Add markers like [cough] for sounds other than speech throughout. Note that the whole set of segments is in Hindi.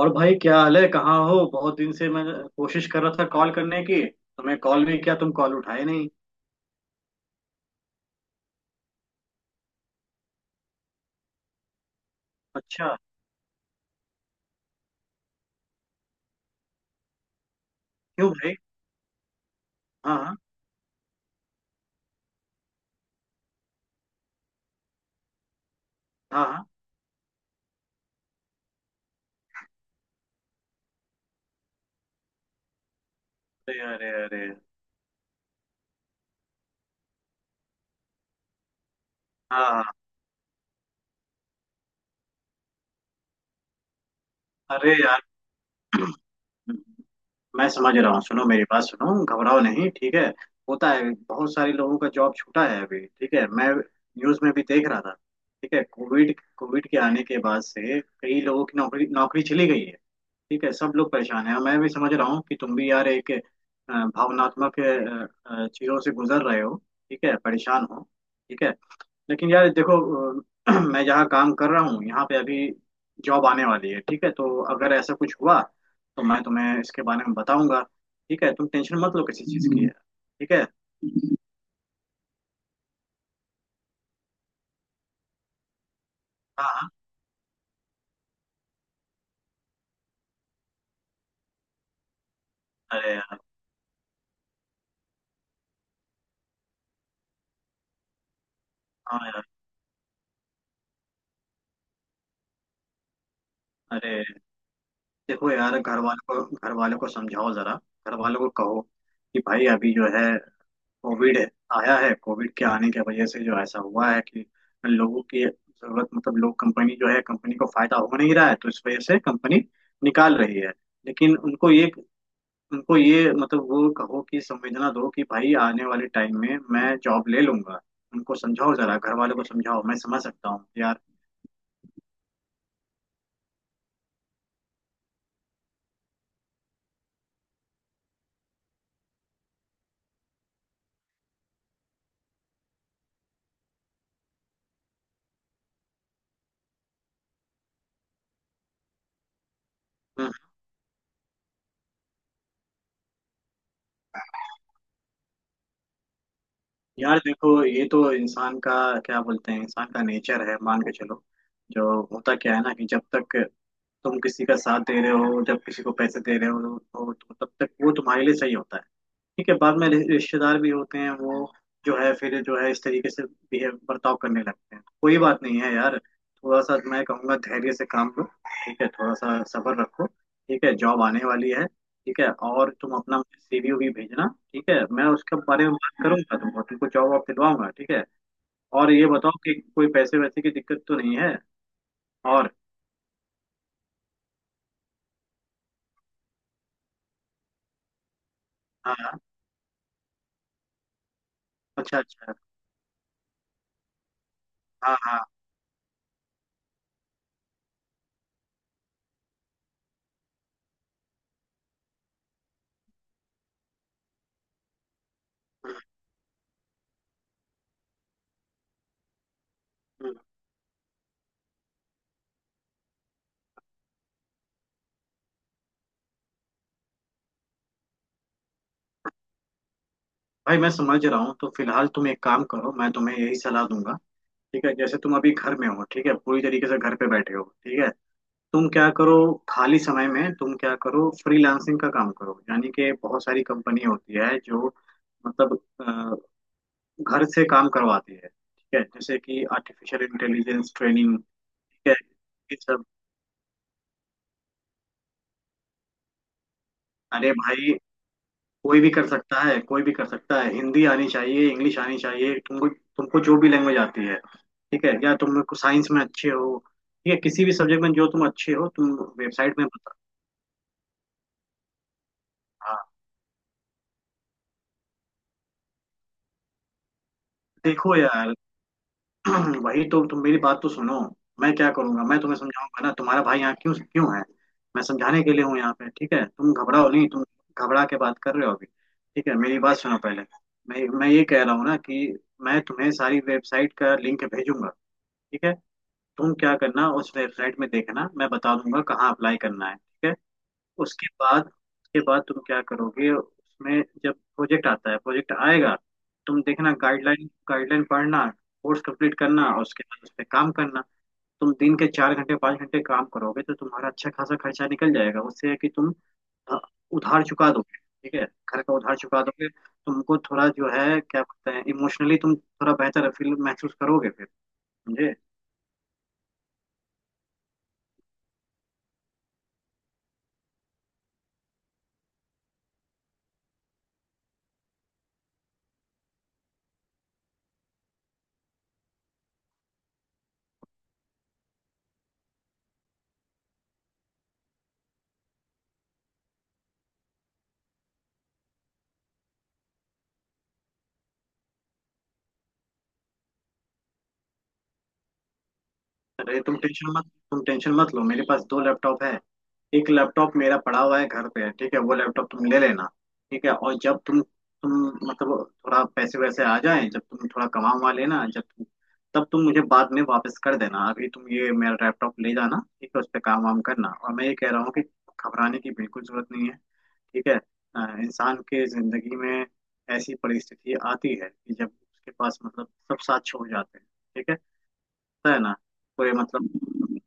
और भाई क्या हाल है, कहाँ हो? बहुत दिन से मैं कोशिश कर रहा था कॉल करने की, तुम्हें कॉल नहीं किया, तुम कॉल उठाए नहीं। अच्छा। क्यों भाई? हाँ हाँ। हाँ हाँ। अरे अरे अरे। हाँ हाँ। अरे यार, मैं समझ रहा हूँ। सुनो मेरी बात सुनो, घबराओ नहीं, ठीक है। होता है, बहुत सारे लोगों का जॉब छूटा है अभी, ठीक है, मैं न्यूज़ में भी देख रहा था। ठीक है, कोविड कोविड के आने के बाद से कई लोगों की नौकरी नौकरी चली गई है। ठीक है, सब लोग परेशान हैं, मैं भी समझ रहा हूँ कि तुम भी यार एक भावनात्मक चीज़ों से गुजर रहे हो। ठीक है, परेशान हो, ठीक है। लेकिन यार देखो, अ, [clears throat] मैं जहाँ काम कर रहा हूँ यहाँ पे अभी जॉब आने वाली है। ठीक है, तो अगर ऐसा कुछ हुआ तो मैं तुम्हें इसके बारे में बताऊंगा। ठीक है, तुम टेंशन मत लो किसी चीज़ की। हम्म। ठीक है। हाँ हाँ। अरे यार। हाँ यार। अरे, देखो यार, घर वालों को समझाओ जरा, घर वालों को कहो कि भाई अभी जो है कोविड आया है, कोविड के आने की वजह से जो ऐसा हुआ है कि लोगों की जरूरत, मतलब लोग, कंपनी जो है कंपनी को फायदा हो नहीं रहा है, तो इस वजह से कंपनी निकाल रही है। लेकिन उनको ये मतलब वो कहो कि संवेदना दो कि भाई आने वाले टाइम में मैं जॉब ले लूंगा। उनको समझाओ जरा, घर वालों को समझाओ, मैं समझ सकता हूँ यार। यार देखो, ये तो इंसान का, क्या बोलते हैं, इंसान का नेचर है, मान के चलो। जो होता क्या है ना कि जब तक तुम किसी का साथ दे रहे हो, जब किसी को पैसे दे रहे हो, तो तब तक वो तुम्हारे लिए सही होता है। ठीक है, बाद में रिश्तेदार भी होते हैं, वो जो है फिर जो है इस तरीके से बिहेव, बर्ताव करने लगते हैं। कोई बात नहीं है यार, थोड़ा सा मैं कहूँगा धैर्य से काम लो। ठीक है, थोड़ा सा सब्र रखो। ठीक है, जॉब आने वाली है, ठीक है, और तुम अपना सीवी भी भेजना। ठीक है, मैं उसके बारे में बात करूंगा, तुमको तुमको जॉब वॉब दिलवाऊंगा, ठीक है। और ये बताओ कि कोई पैसे वैसे की दिक्कत तो नहीं है? और? हाँ। अच्छा अच्छा। हाँ हाँ। हम्म। हम्म। भाई मैं समझ रहा हूँ। तो फिलहाल तुम एक काम करो, मैं तुम्हें यही सलाह दूंगा। ठीक है, जैसे तुम अभी घर में हो, ठीक है, पूरी तरीके से घर पे बैठे हो, ठीक है, तुम क्या करो, खाली समय में तुम क्या करो, फ्रीलांसिंग का काम करो, यानी कि बहुत सारी कंपनी होती है जो मतलब घर से काम करवाती है। ठीक है, जैसे कि आर्टिफिशियल इंटेलिजेंस ट्रेनिंग, ठीक है, ये सब। अरे भाई, कोई भी कर सकता है, कोई भी कर सकता है, हिंदी आनी चाहिए, इंग्लिश आनी चाहिए, तुमको तुमको जो भी लैंग्वेज आती है। ठीक है, या तुम साइंस में अच्छे हो, ठीक है, किसी भी सब्जेक्ट में जो तुम अच्छे हो, तुम वेबसाइट में बता, देखो यार, [clears throat] वही तो, तुम मेरी बात तो सुनो। मैं क्या करूंगा, मैं तुम्हें समझाऊंगा ना, तुम्हारा भाई यहाँ क्यों क्यों है? मैं समझाने के लिए हूँ यहाँ पे, ठीक है, तुम घबराओ नहीं, तुम घबरा के बात कर रहे हो अभी। ठीक है, मेरी बात सुनो पहले। मैं ये कह रहा हूँ ना कि मैं तुम्हें सारी वेबसाइट का लिंक भेजूंगा, ठीक है। तुम क्या करना, उस वेबसाइट में देखना, मैं बता दूंगा कहाँ अप्लाई करना है, ठीक है। उसके बाद तुम क्या करोगे, उसमें जब प्रोजेक्ट आता है, प्रोजेक्ट आएगा, तुम देखना, गाइडलाइन गाइडलाइन पढ़ना, कोर्स कंप्लीट करना, और उसके बाद उस पर काम करना। तुम दिन के चार घंटे पाँच घंटे काम करोगे तो तुम्हारा अच्छा खासा खर्चा निकल जाएगा, उससे है कि तुम अ, उधार चुका दोगे। ठीक है, घर का उधार चुका दोगे, तुमको थोड़ा जो है क्या बोलते हैं, इमोशनली तुम थोड़ा बेहतर फील महसूस करोगे फिर, समझे। अरे तुम टेंशन मत, तुम टेंशन मत लो, मेरे पास दो लैपटॉप है। एक लैपटॉप मेरा पड़ा हुआ है घर पे, ठीक है, वो लैपटॉप तुम ले लेना। ठीक है, और जब तुम मतलब थोड़ा पैसे वैसे आ जाए, जब तुम थोड़ा कमा वमा लेना, जब तुम, तब तुम मुझे बाद में वापस कर देना। अभी तुम ये मेरा लैपटॉप ले जाना, ठीक है, उस पर काम वाम करना। और मैं ये कह रहा हूँ कि घबराने की बिल्कुल जरूरत नहीं है, ठीक है। इंसान के जिंदगी में ऐसी परिस्थिति आती है कि जब उसके पास, मतलब, सब साथ छोड़ जाते हैं, ठीक है, तो है ना। कोई मतलब,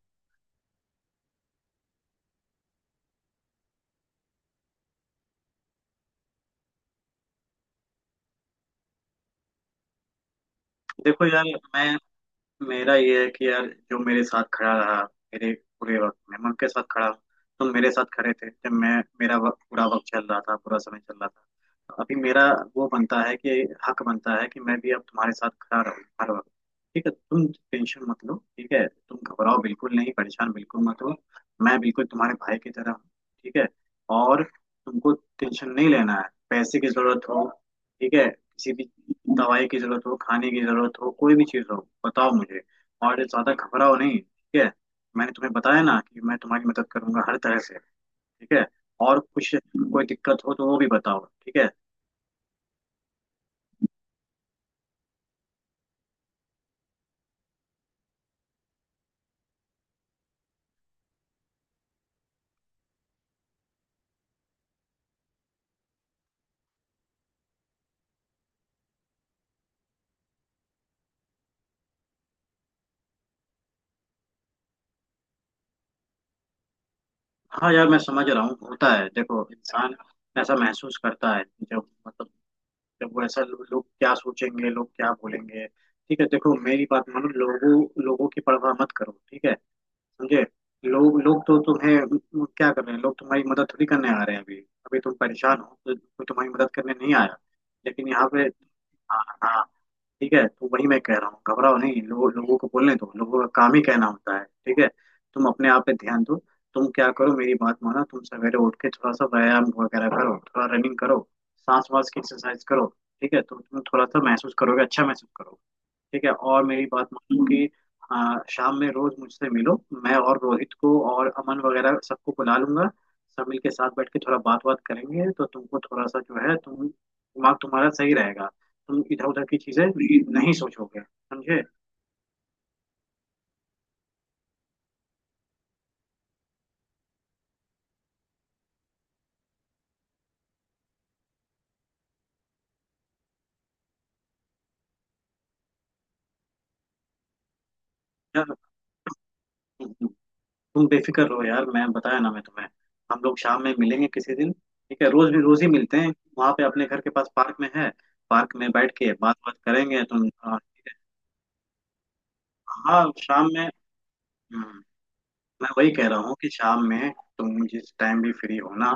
देखो यार, मैं, मेरा ये है कि यार जो मेरे साथ खड़ा रहा मेरे बुरे वक्त में, मैं उनके साथ खड़ा हूँ। तुम मेरे साथ खड़े थे जब मैं, मेरा वक्त, बुरा वक्त चल रहा था, बुरा समय चल रहा था। अभी मेरा वो बनता है कि हक बनता है कि मैं भी अब तुम्हारे साथ खड़ा रहूँ हर वक्त। ठीक है, तुम टेंशन मत लो, ठीक है, तुम घबराओ बिल्कुल नहीं, परेशान बिल्कुल मत हो। मैं बिल्कुल तुम्हारे भाई की तरह हूँ, ठीक है। और तुमको टेंशन नहीं लेना है। पैसे की जरूरत हो, ठीक है, किसी भी दवाई की जरूरत हो, खाने की जरूरत हो, कोई भी चीज़ हो, बताओ मुझे। और ज्यादा घबराओ नहीं, ठीक है। मैंने तुम्हें बताया ना कि मैं तुम्हारी मदद करूंगा हर तरह से, ठीक है। और कुछ कोई दिक्कत हो तो वो भी बताओ, ठीक है। हाँ यार, मैं समझ रहा हूँ, होता है। देखो, इंसान ऐसा महसूस करता है कि जब मतलब, जब वो ऐसा, लोग क्या सोचेंगे, लोग क्या बोलेंगे। ठीक है, देखो मेरी बात मानो, लोगों लोगों की परवाह मत करो, ठीक है, समझे। लोग लोग तो तुम्हें, वो क्या कर रहे हैं, लोग तुम्हारी मदद थोड़ी करने आ रहे हैं अभी। अभी तुम परेशान हो तो कोई तुम्हारी मदद करने नहीं आया, लेकिन यहाँ पे, हाँ हाँ, ठीक है, तो वही मैं कह रहा हूँ, घबराओ नहीं। लोगों लोगों को बोलने दो, लोगों का काम ही कहना होता है, ठीक है। तुम अपने आप पे ध्यान दो, तुम क्या करो, मेरी बात मानो, तुम सवेरे उठ के थोड़ा सा व्यायाम वगैरह करो, थोड़ा रनिंग करो, सांस वास की एक्सरसाइज करो। ठीक है, तो तुम थोड़ा सा महसूस करोगे, अच्छा महसूस करोगे, ठीक है। और मेरी बात मानो कि, हाँ, शाम में रोज मुझसे मिलो, मैं और रोहित को और अमन वगैरह सबको बुला लूंगा। सब मिल के साथ बैठ के थोड़ा बात बात करेंगे, तो तुमको थोड़ा सा जो है, तुम दिमाग तुम्हारा सही रहेगा, तुम इधर उधर की चीजें नहीं सोचोगे, समझे। यार, तुम बेफिक्र रहो यार, मैं बताया ना मैं तुम्हें। हम लोग शाम में मिलेंगे किसी दिन, ठीक है, रोज भी, रोज ही मिलते हैं वहां पे, अपने घर के पास पार्क में है, पार्क में बैठ के बात बात करेंगे तुम, हाँ। हाँ, शाम में। हम्म, मैं वही कह रहा हूँ कि शाम में तुम जिस टाइम भी फ्री हो ना,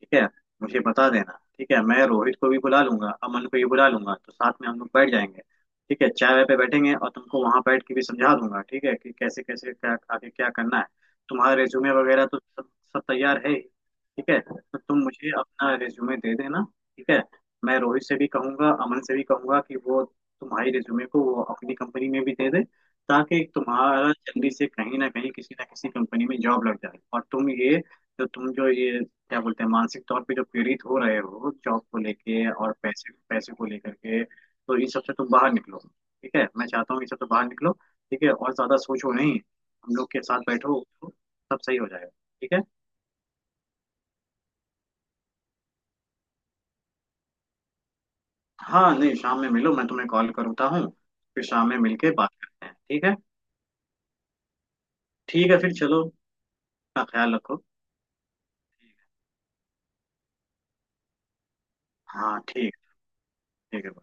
ठीक है, मुझे बता देना, ठीक है, मैं रोहित को भी बुला लूंगा, अमन को भी बुला लूंगा, तो साथ में हम लोग बैठ जाएंगे। ठीक है, चाय वाय पे बैठेंगे और तुमको वहां बैठ के भी समझा दूंगा, ठीक है, कि कैसे कैसे क्या आगे क्या करना है। तुम्हारा रिज्यूमे वगैरह तो सब सब तैयार है ही, ठीक है, तो तुम मुझे अपना रिज्यूमे दे देना, ठीक है। मैं रोहित से भी कहूंगा, अमन से भी कहूंगा कि वो तुम्हारी रिज्यूमे को वो अपनी कंपनी में भी दे दे, ताकि तुम्हारा जल्दी से कहीं ना कहीं किसी ना किसी कंपनी में जॉब लग जाए। और तुम ये जो, तुम जो ये क्या बोलते हैं, मानसिक तौर पे जो पीड़ित हो रहे हो जॉब को लेके और पैसे पैसे को लेकर के, तो इन सब से तुम बाहर निकलो, ठीक है, मैं चाहता हूँ इन सब से बाहर निकलो, ठीक है, और ज्यादा सोचो नहीं, हम लोग के साथ बैठो तो सब सही हो जाएगा, ठीक है। हाँ नहीं, शाम में मिलो, मैं तुम्हें कॉल करता हूँ, फिर शाम में मिलके बात करते हैं, ठीक है। ठीक है, फिर चलो, अपना ख्याल रखो। हाँ ठीक, ठीक है।